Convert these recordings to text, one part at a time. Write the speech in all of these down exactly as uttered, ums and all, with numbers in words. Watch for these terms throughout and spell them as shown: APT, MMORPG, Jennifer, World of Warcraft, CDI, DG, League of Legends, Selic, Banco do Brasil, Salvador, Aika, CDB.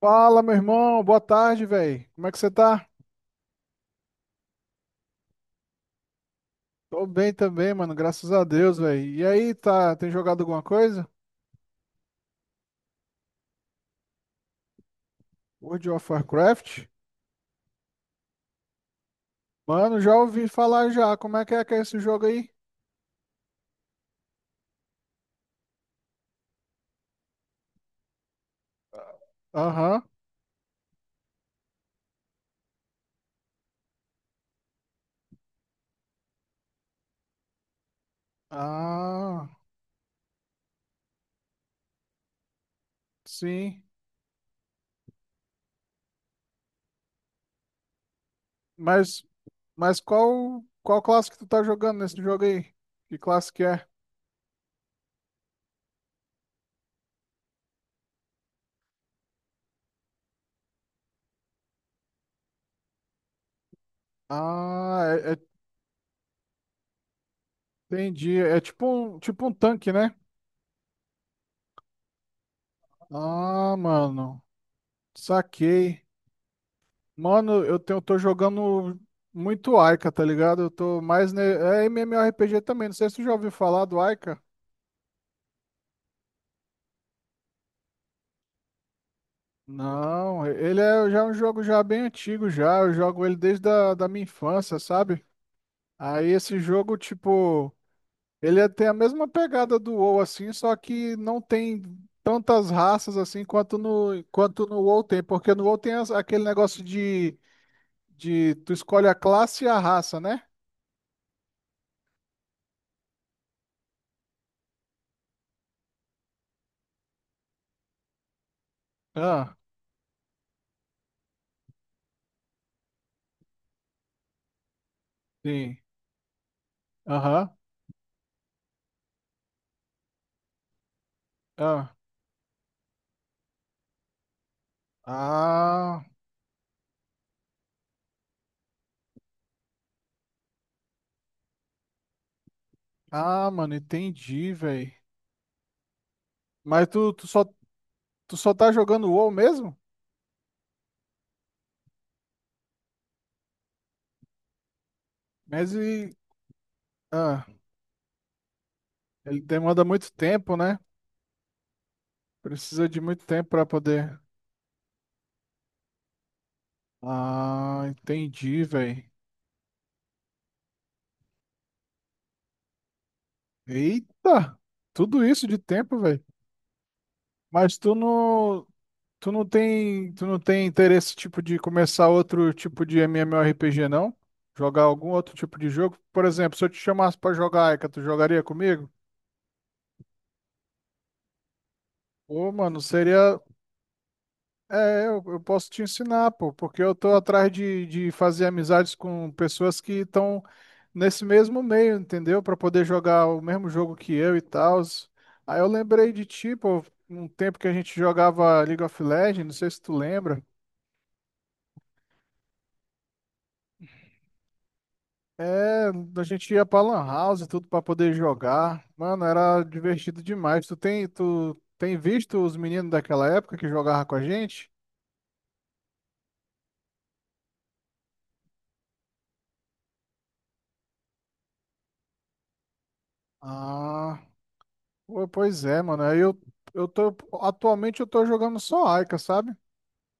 Fala, meu irmão, boa tarde, velho. Como é que você tá? Tô bem também, mano, graças a Deus, velho. E aí, tá, tem jogado alguma coisa? World of Warcraft? Mano, já ouvi falar já. Como é que é que é esse jogo aí? Aham. Ah, sim. Mas mas qual qual classe que tu tá jogando nesse jogo aí? Que classe que é? Ah, é- é- Entendi. É tipo um, tipo um tanque, né? Ah, mano. Saquei. Mano, eu tenho, tô jogando muito Aika, tá ligado? Eu tô mais. Ne... É MMORPG também. Não sei se tu já ouviu falar do Aika. Não, ele é já é um jogo já bem antigo já. Eu jogo ele desde a, da minha infância, sabe? Aí esse jogo, tipo, ele é- tem a mesma pegada do WoW, assim, só que não tem tantas raças assim quanto no, quanto no WoW tem. Porque no WoW tem as- aquele negócio de, de tu escolhe a classe e a raça, né? Ah, sim. Aham. Ah. Ah, ah, mano, entendi, velho. Mas tu, tu só, tu só tá jogando WoW mesmo? Mas e, ah, ele demanda muito tempo, né? Precisa de muito tempo pra poder. Ah, entendi, velho. Eita, tudo isso de tempo, velho. Mas tu não, tu não tem, tu não tem interesse tipo de começar outro tipo de MMORPG, não? Jogar algum outro tipo de jogo? Por exemplo, se eu te chamasse pra jogar Aika, tu jogaria comigo? Ô, mano, seria É, eu, eu posso te ensinar, pô, porque eu tô atrás de, de fazer amizades com pessoas que estão nesse mesmo meio, entendeu? Para poder jogar o mesmo jogo que eu e tal. Aí eu lembrei de ti, pô, um tempo que a gente jogava League of Legends, não sei se tu lembra. É, a gente ia pra Lan House e tudo para poder jogar. Mano, era divertido demais. Tu tem, tu tem visto os meninos daquela época que jogavam com a gente? Ah. Pô, pois é, mano. Aí eu, eu tô. Atualmente eu tô jogando só Aika, sabe?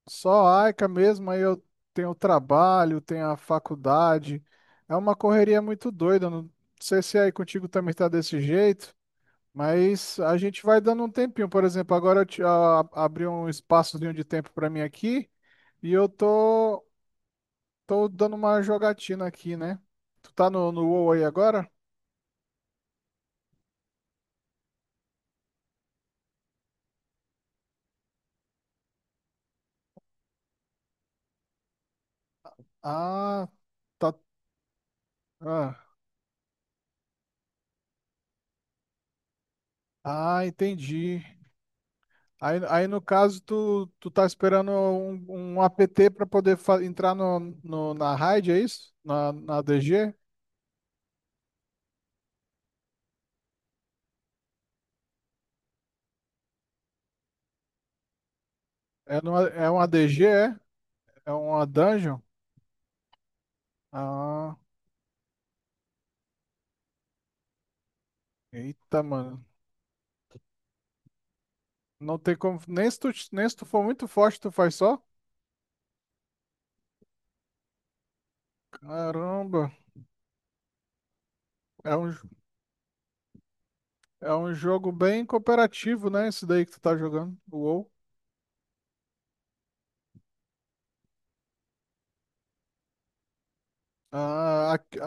Só Aika mesmo. Aí eu tenho o trabalho, tenho a faculdade. É uma correria muito doida. Não sei se é aí contigo também tá desse jeito, mas a gente vai dando um tempinho. Por exemplo, agora eu te- a- abri um espaçozinho de tempo pra mim aqui e eu tô, tô dando uma jogatina aqui, né? Tu tá no, no WoW aí agora? Ah, tá. Ah, ah, entendi. Aí, aí no caso, tu, tu tá esperando um, um A P T para poder fa- entrar no, no- na raid, é isso? Na, na D G? É, numa, é uma D G, é? É uma dungeon? Ah, eita, mano. Não tem como. Nem se tu, nem se tu for muito forte, tu faz só? Caramba. É um, jo- é um jogo bem cooperativo, né? Esse daí que tu tá jogando, o WoW. Ah, aqui,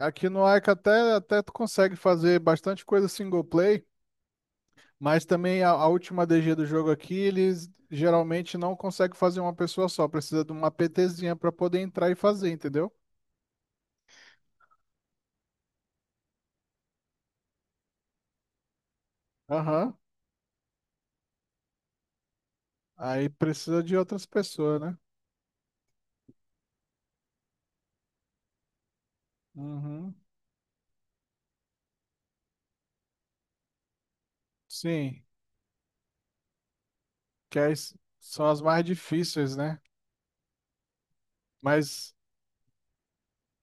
aqui no Ica até, até tu consegue fazer bastante coisa single play. Mas também a, a última D G do jogo aqui, eles geralmente não conseguem fazer uma pessoa só, precisa de uma PTzinha para poder entrar e fazer, entendeu? Aham. Aí precisa de outras pessoas, né? Uhum. Sim, que aí s- são as mais difíceis, né? Mas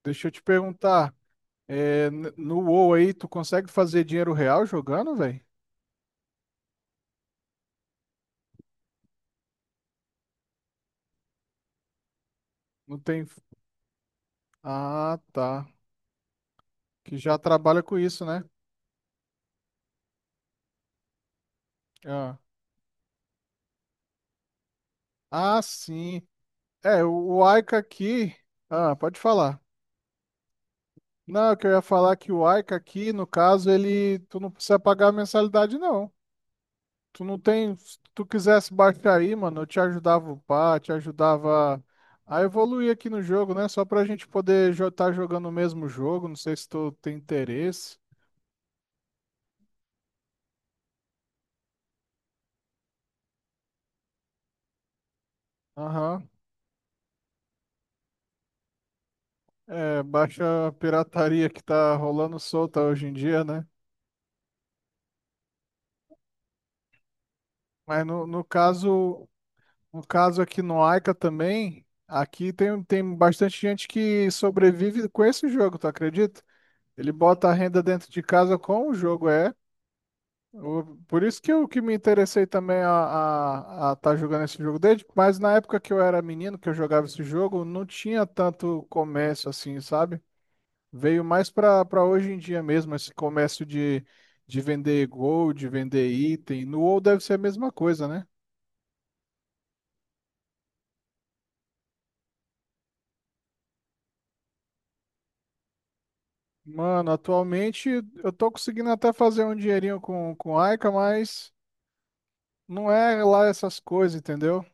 deixa eu te perguntar, é, n- no WoW aí, tu consegue fazer dinheiro real jogando, velho? Não tem. Ah, tá. Que já trabalha com isso, né? Ah, ah sim. É, o o Aika aqui. Ah, pode falar. Não, eu queria falar é que o Aika aqui, no caso, ele, tu não precisa pagar a mensalidade, não. Tu não tem, se tu quisesse baixar aí, mano, eu te ajudava a upar, te ajudava a evoluir aqui no jogo, né? Só pra gente poder estar jogando o mesmo jogo, não sei se tu tem interesse. Aham. É, baixa a pirataria que tá rolando solta hoje em dia, né? Mas no, no caso, no caso aqui no Aika também, aqui tem, tem bastante gente que sobrevive com esse jogo, tu acredita? Ele bota a renda dentro de casa com o jogo, é. O- por isso que eu que me interessei também a a, a tá jogando esse jogo desde, mas na época que eu era menino, que eu jogava esse jogo, não tinha tanto comércio assim, sabe? Veio mais para para hoje em dia mesmo, esse comércio de, de vender gold, de vender item. No WoW deve ser a mesma coisa, né? Mano, atualmente eu tô conseguindo até fazer um dinheirinho com, com Aika, mas não é lá essas coisas, entendeu?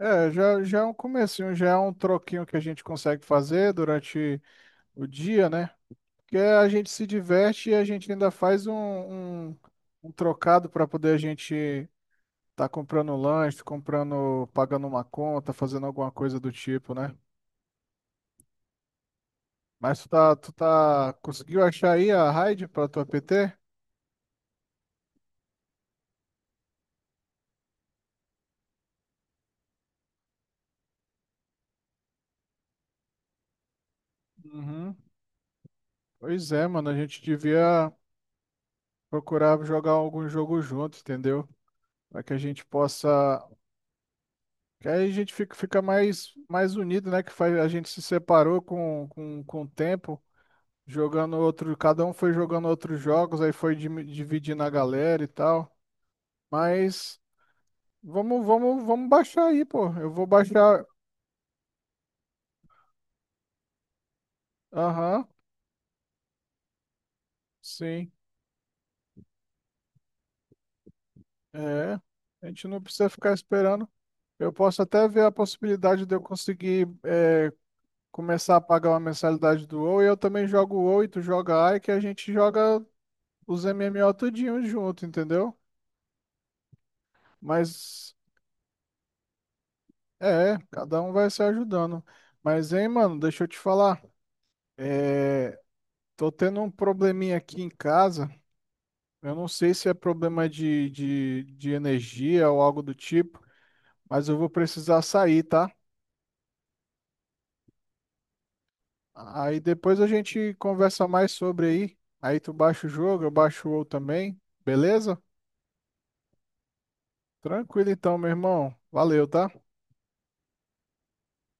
É, já, já é um comecinho, já é um troquinho que a gente consegue fazer durante o dia, né? Porque a gente se diverte e a gente ainda faz um, um, um trocado para poder a gente estar comprando lanche, comprando, pagando uma conta, fazendo alguma coisa do tipo, né? Mas tu tá, tu tá, conseguiu achar aí a raid para tua P T? Uhum. Pois é, mano, a gente devia procurar jogar algum jogo junto, entendeu? Para que a gente possa. Que aí a gente fica, fica mais, mais unido, né? Que faz, a gente se separou com, com, com o tempo, jogando outro, cada um foi jogando outros jogos, aí foi dimi- dividindo a galera e tal. Mas vamos, vamos, vamos baixar aí, pô. Eu vou baixar. Aham, sim. É. A gente não precisa ficar esperando. Eu posso até ver a possibilidade de eu conseguir é, começar a pagar uma mensalidade do WoW e eu também jogo o WoW e tu joga A e que a gente joga os M M O tudinho junto, entendeu? Mas é, cada um vai se ajudando. Mas, hein, mano, deixa eu te falar. É, tô tendo um probleminha aqui em casa. Eu não sei se é problema de, de, de energia ou algo do tipo, mas eu vou precisar sair, tá? Aí depois a gente conversa mais sobre aí. Aí tu baixa o jogo, eu baixo o outro também. Beleza? Tranquilo então, meu irmão. Valeu, tá?